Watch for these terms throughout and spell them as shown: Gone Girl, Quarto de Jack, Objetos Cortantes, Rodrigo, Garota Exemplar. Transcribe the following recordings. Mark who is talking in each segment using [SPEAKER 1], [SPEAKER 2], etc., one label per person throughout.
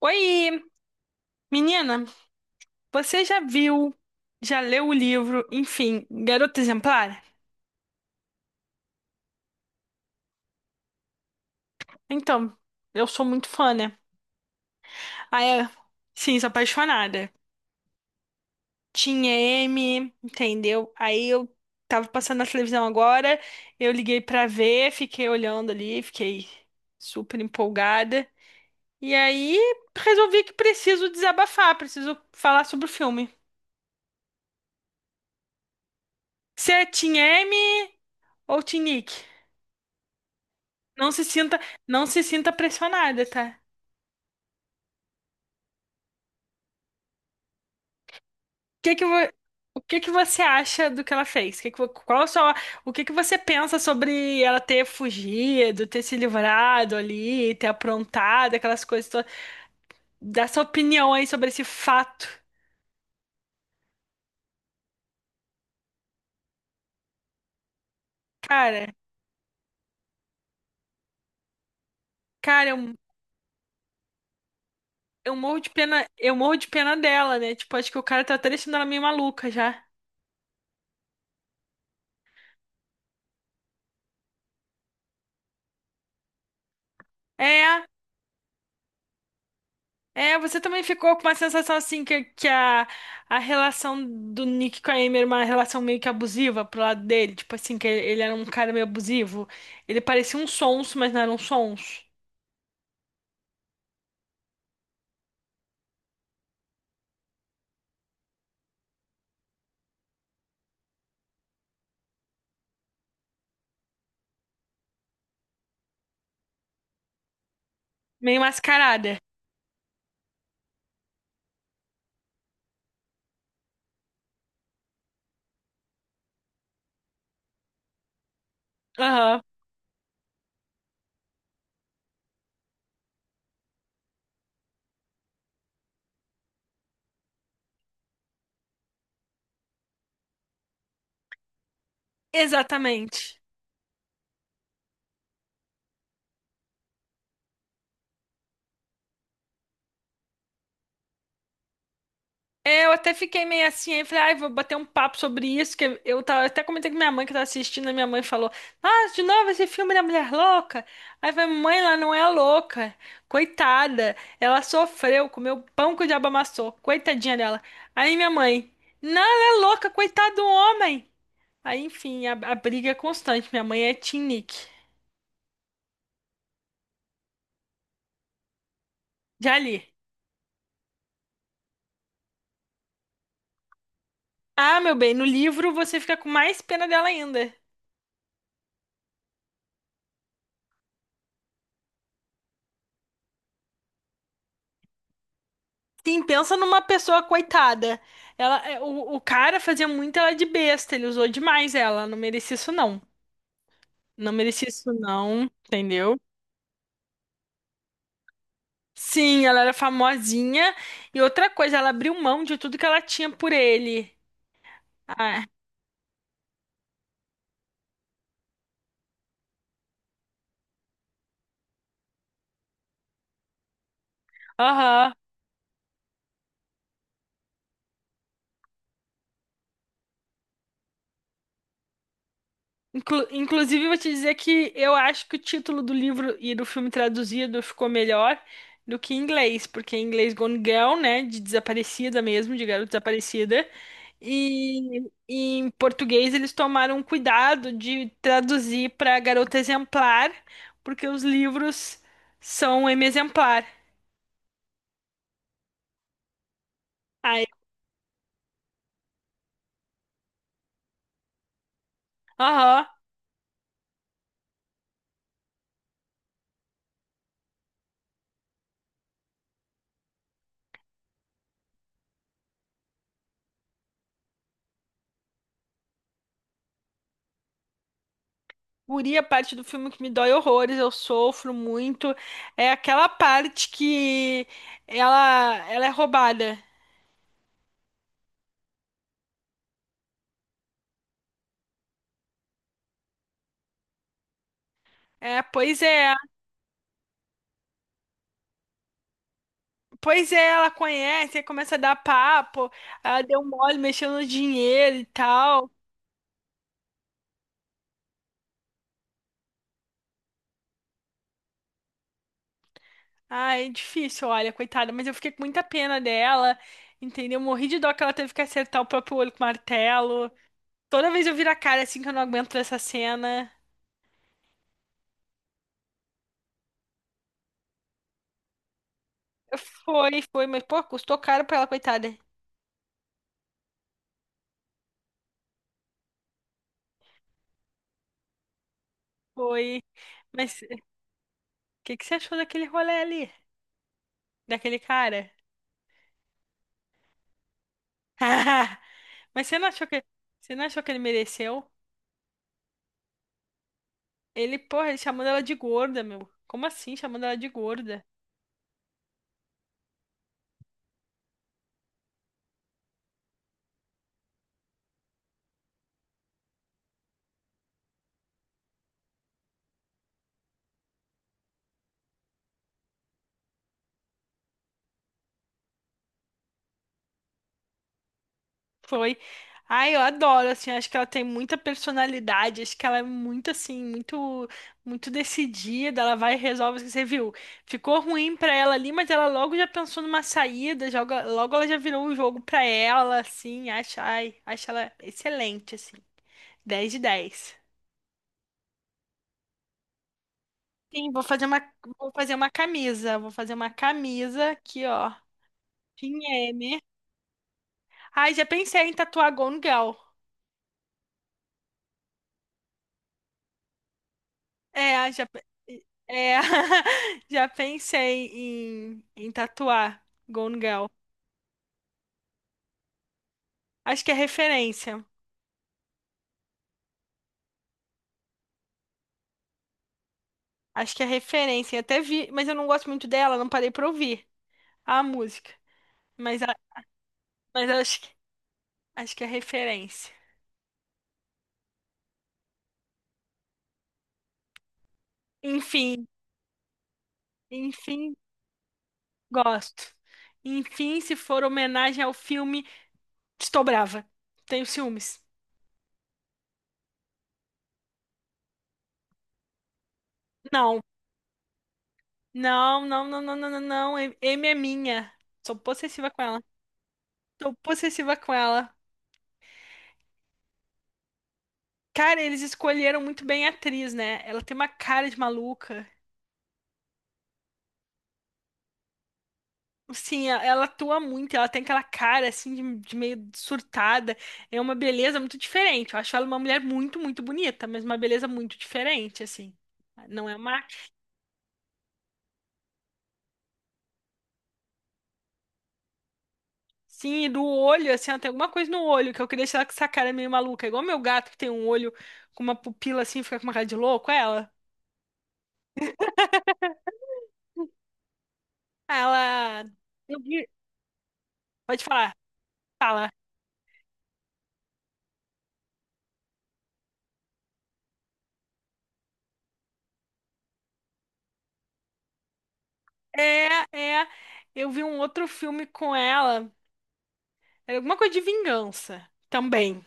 [SPEAKER 1] Oi, menina, você já viu, já leu o livro, enfim, Garota Exemplar? Então, eu sou muito fã, né? Aí, é, sim, sou apaixonada. Tinha M, entendeu? Aí eu tava passando na televisão agora, eu liguei pra ver, fiquei olhando ali, fiquei super empolgada. E aí resolvi que preciso desabafar, preciso falar sobre o filme. Você é Team M ou Team Nick? Não se sinta, não se sinta pressionada, tá? que que vo- o que que você acha do que ela fez? Que vo- qual a sua, O que que você pensa sobre ela ter fugido, ter se livrado ali, ter aprontado aquelas coisas todas? Dá sua opinião aí sobre esse fato. Cara, cara, eu morro de pena, eu morro de pena dela, né? Tipo, acho que o cara tá até deixando ela meio maluca já. É, É, você também ficou com uma sensação assim que a relação do Nick com a Amy era uma relação meio que abusiva pro lado dele. Tipo assim, que ele era um cara meio abusivo. Ele parecia um sonso, mas não era um sonso. Meio mascarada. Aham. Exatamente. É, eu até fiquei meio assim, aí falei, ai, vou bater um papo sobre isso, que eu tava, até comentei com minha mãe que tava assistindo, a minha mãe falou, ah, de novo esse filme da mulher louca? Aí eu falei, mãe, ela não é louca, coitada, ela sofreu, comeu pão que o diabo amassou, coitadinha dela. Aí minha mãe, não, ela é louca, coitado do homem. Aí, enfim, a briga é constante, minha mãe é Team Nick. Já li. Ah, meu bem, no livro você fica com mais pena dela ainda. Sim, pensa numa pessoa coitada. Ela, é, o cara fazia muito ela de besta, ele usou demais ela. Não merecia isso, não. Não merecia isso, não, entendeu? Sim, ela era famosinha. E outra coisa, ela abriu mão de tudo que ela tinha por ele. Ah, aham. Inclusive, vou te dizer que eu acho que o título do livro e do filme traduzido ficou melhor do que em inglês, porque em inglês Gone Girl, né, de desaparecida mesmo, de garota desaparecida, e em português eles tomaram um cuidado de traduzir para garota exemplar, porque os livros são M exemplar. Aí, aham. Guri, a parte do filme que me dói horrores, eu sofro muito, é aquela parte que ela é roubada. É, pois é, pois é, ela conhece, aí começa a dar papo, ela deu mole mexendo no dinheiro e tal. Ai, é difícil, olha, coitada, mas eu fiquei com muita pena dela, entendeu? Morri de dó que ela teve que acertar o próprio olho com martelo. Toda vez eu viro a cara assim que eu não aguento essa cena. Foi, foi, mas pô, custou caro pra ela, coitada. Foi. Mas que você achou daquele rolê ali? Daquele cara? Mas você não achou que, você não achou que ele mereceu? Ele, porra, ele chamando ela de gorda, meu. Como assim, chamando ela de gorda? Foi. Ai, eu adoro, assim, acho que ela tem muita personalidade, acho que ela é muito, assim, muito, muito decidida, ela vai e resolve, o que você viu, ficou ruim pra ela ali, mas ela logo já pensou numa saída, joga, logo ela já virou um jogo pra ela, assim, acha, ai, acho ela excelente, assim, dez de 10. Sim, vou fazer uma camisa. Vou fazer uma camisa aqui, ó. Team M. Ai, já pensei em tatuar Gone Girl. É, já, é, já pensei em tatuar Gone Girl. Acho que é referência. Acho que é referência. Eu até vi, mas eu não gosto muito dela, não parei pra ouvir a música. Mas, a- mas acho, acho que é referência. Enfim, enfim, gosto. Enfim, se for homenagem ao filme. Estou brava. Tenho ciúmes. Não. Não, não, não, não, não, não, não. M é minha. Sou possessiva com ela. Sou possessiva com ela. Cara, eles escolheram muito bem a atriz, né? Ela tem uma cara de maluca. Sim, ela atua muito, ela tem aquela cara assim de meio surtada. É uma beleza muito diferente. Eu acho ela uma mulher muito, muito bonita, mas uma beleza muito diferente, assim. Não é uma. Sim, e do olho, assim, ó, tem alguma coisa no olho que eu queria tirar com essa cara meio maluca. É igual meu gato que tem um olho com uma pupila assim, fica com uma cara de louco, é ela. Ela. Eu vi. Pode falar. Fala. É, é. Eu vi um outro filme com ela. Era alguma coisa de vingança também.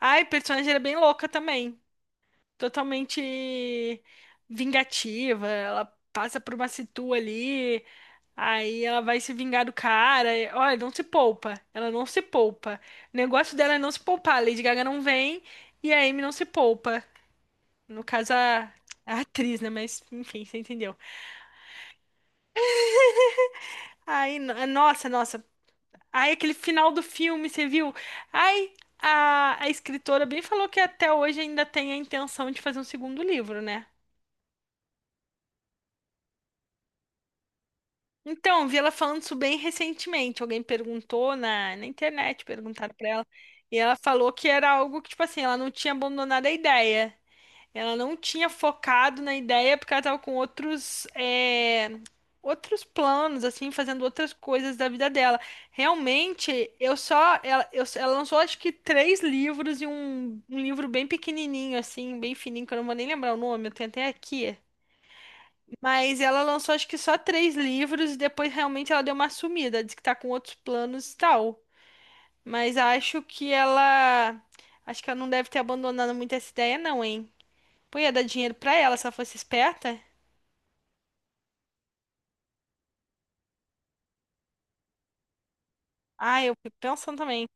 [SPEAKER 1] Ai, a personagem era bem louca também. Totalmente vingativa. Ela passa por uma situ ali. Aí ela vai se vingar do cara. Olha, não se poupa. Ela não se poupa. O negócio dela é não se poupar. A Lady Gaga não vem e a Amy não se poupa. No caso, a atriz, né? Mas, enfim, você entendeu. Aí, nossa, nossa. Aí, aquele final do filme, você viu? Ai, a escritora bem falou que até hoje ainda tem a intenção de fazer um segundo livro, né? Então, vi ela falando isso bem recentemente. Alguém perguntou na internet, perguntaram pra ela. E ela falou que era algo que, tipo assim, ela não tinha abandonado a ideia. Ela não tinha focado na ideia porque ela tava com outros planos, assim, fazendo outras coisas da vida dela. Realmente, eu só. Ela lançou, acho que, três livros e um livro bem pequenininho, assim, bem fininho, que eu não vou nem lembrar o nome, eu tenho até aqui. Mas ela lançou acho que só três livros e depois realmente ela deu uma sumida, diz que tá com outros planos e tal. Mas acho que ela. Acho que ela não deve ter abandonado muito essa ideia, não, hein? Pô, ia dar dinheiro pra ela se ela fosse esperta? Ah, eu fico pensando também.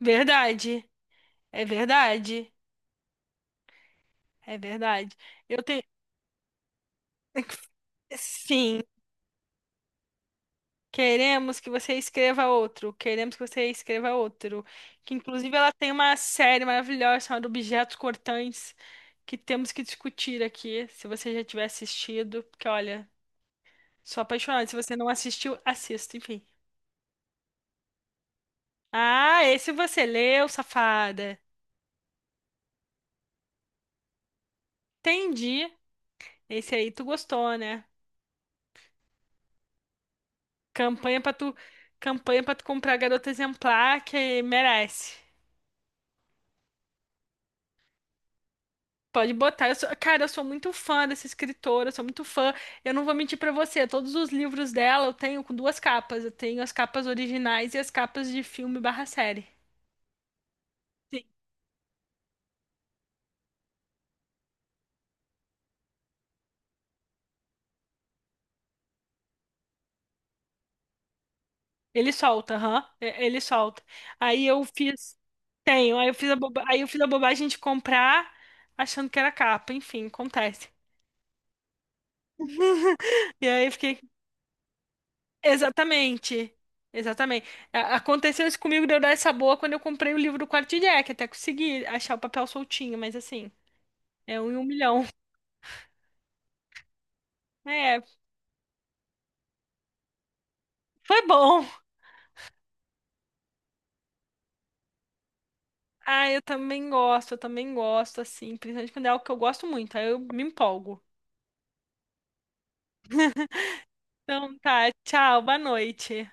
[SPEAKER 1] Verdade. É verdade. É verdade. Eu tenho. Sim. Queremos que você escreva outro. Queremos que você escreva outro. Que inclusive ela tem uma série maravilhosa chamada Objetos Cortantes que temos que discutir aqui. Se você já tiver assistido, porque olha, sou apaixonada. Se você não assistiu, assista, enfim. Ah, esse você leu, safada. Entendi. Esse aí tu gostou, né? Campanha pra tu, campanha para tu comprar garota exemplar que merece. Pode botar. Cara, eu sou muito fã dessa escritora, eu sou muito fã. Eu não vou mentir pra você, todos os livros dela eu tenho com duas capas. Eu tenho as capas originais e as capas de filme barra série. Sim. Ele solta, aham. Ele solta. Aí eu fiz. Tenho, aí eu fiz a bobagem de comprar achando que era capa. Enfim, acontece. E aí eu fiquei. Exatamente. Exatamente. Aconteceu isso comigo de eu dar essa boa quando eu comprei o livro do Quarto de Jack. Até consegui achar o papel soltinho, mas assim. É um em um milhão. É, foi bom. Ah, eu também gosto, assim, principalmente quando é algo que eu gosto muito, aí eu me empolgo. Então tá, tchau, boa noite.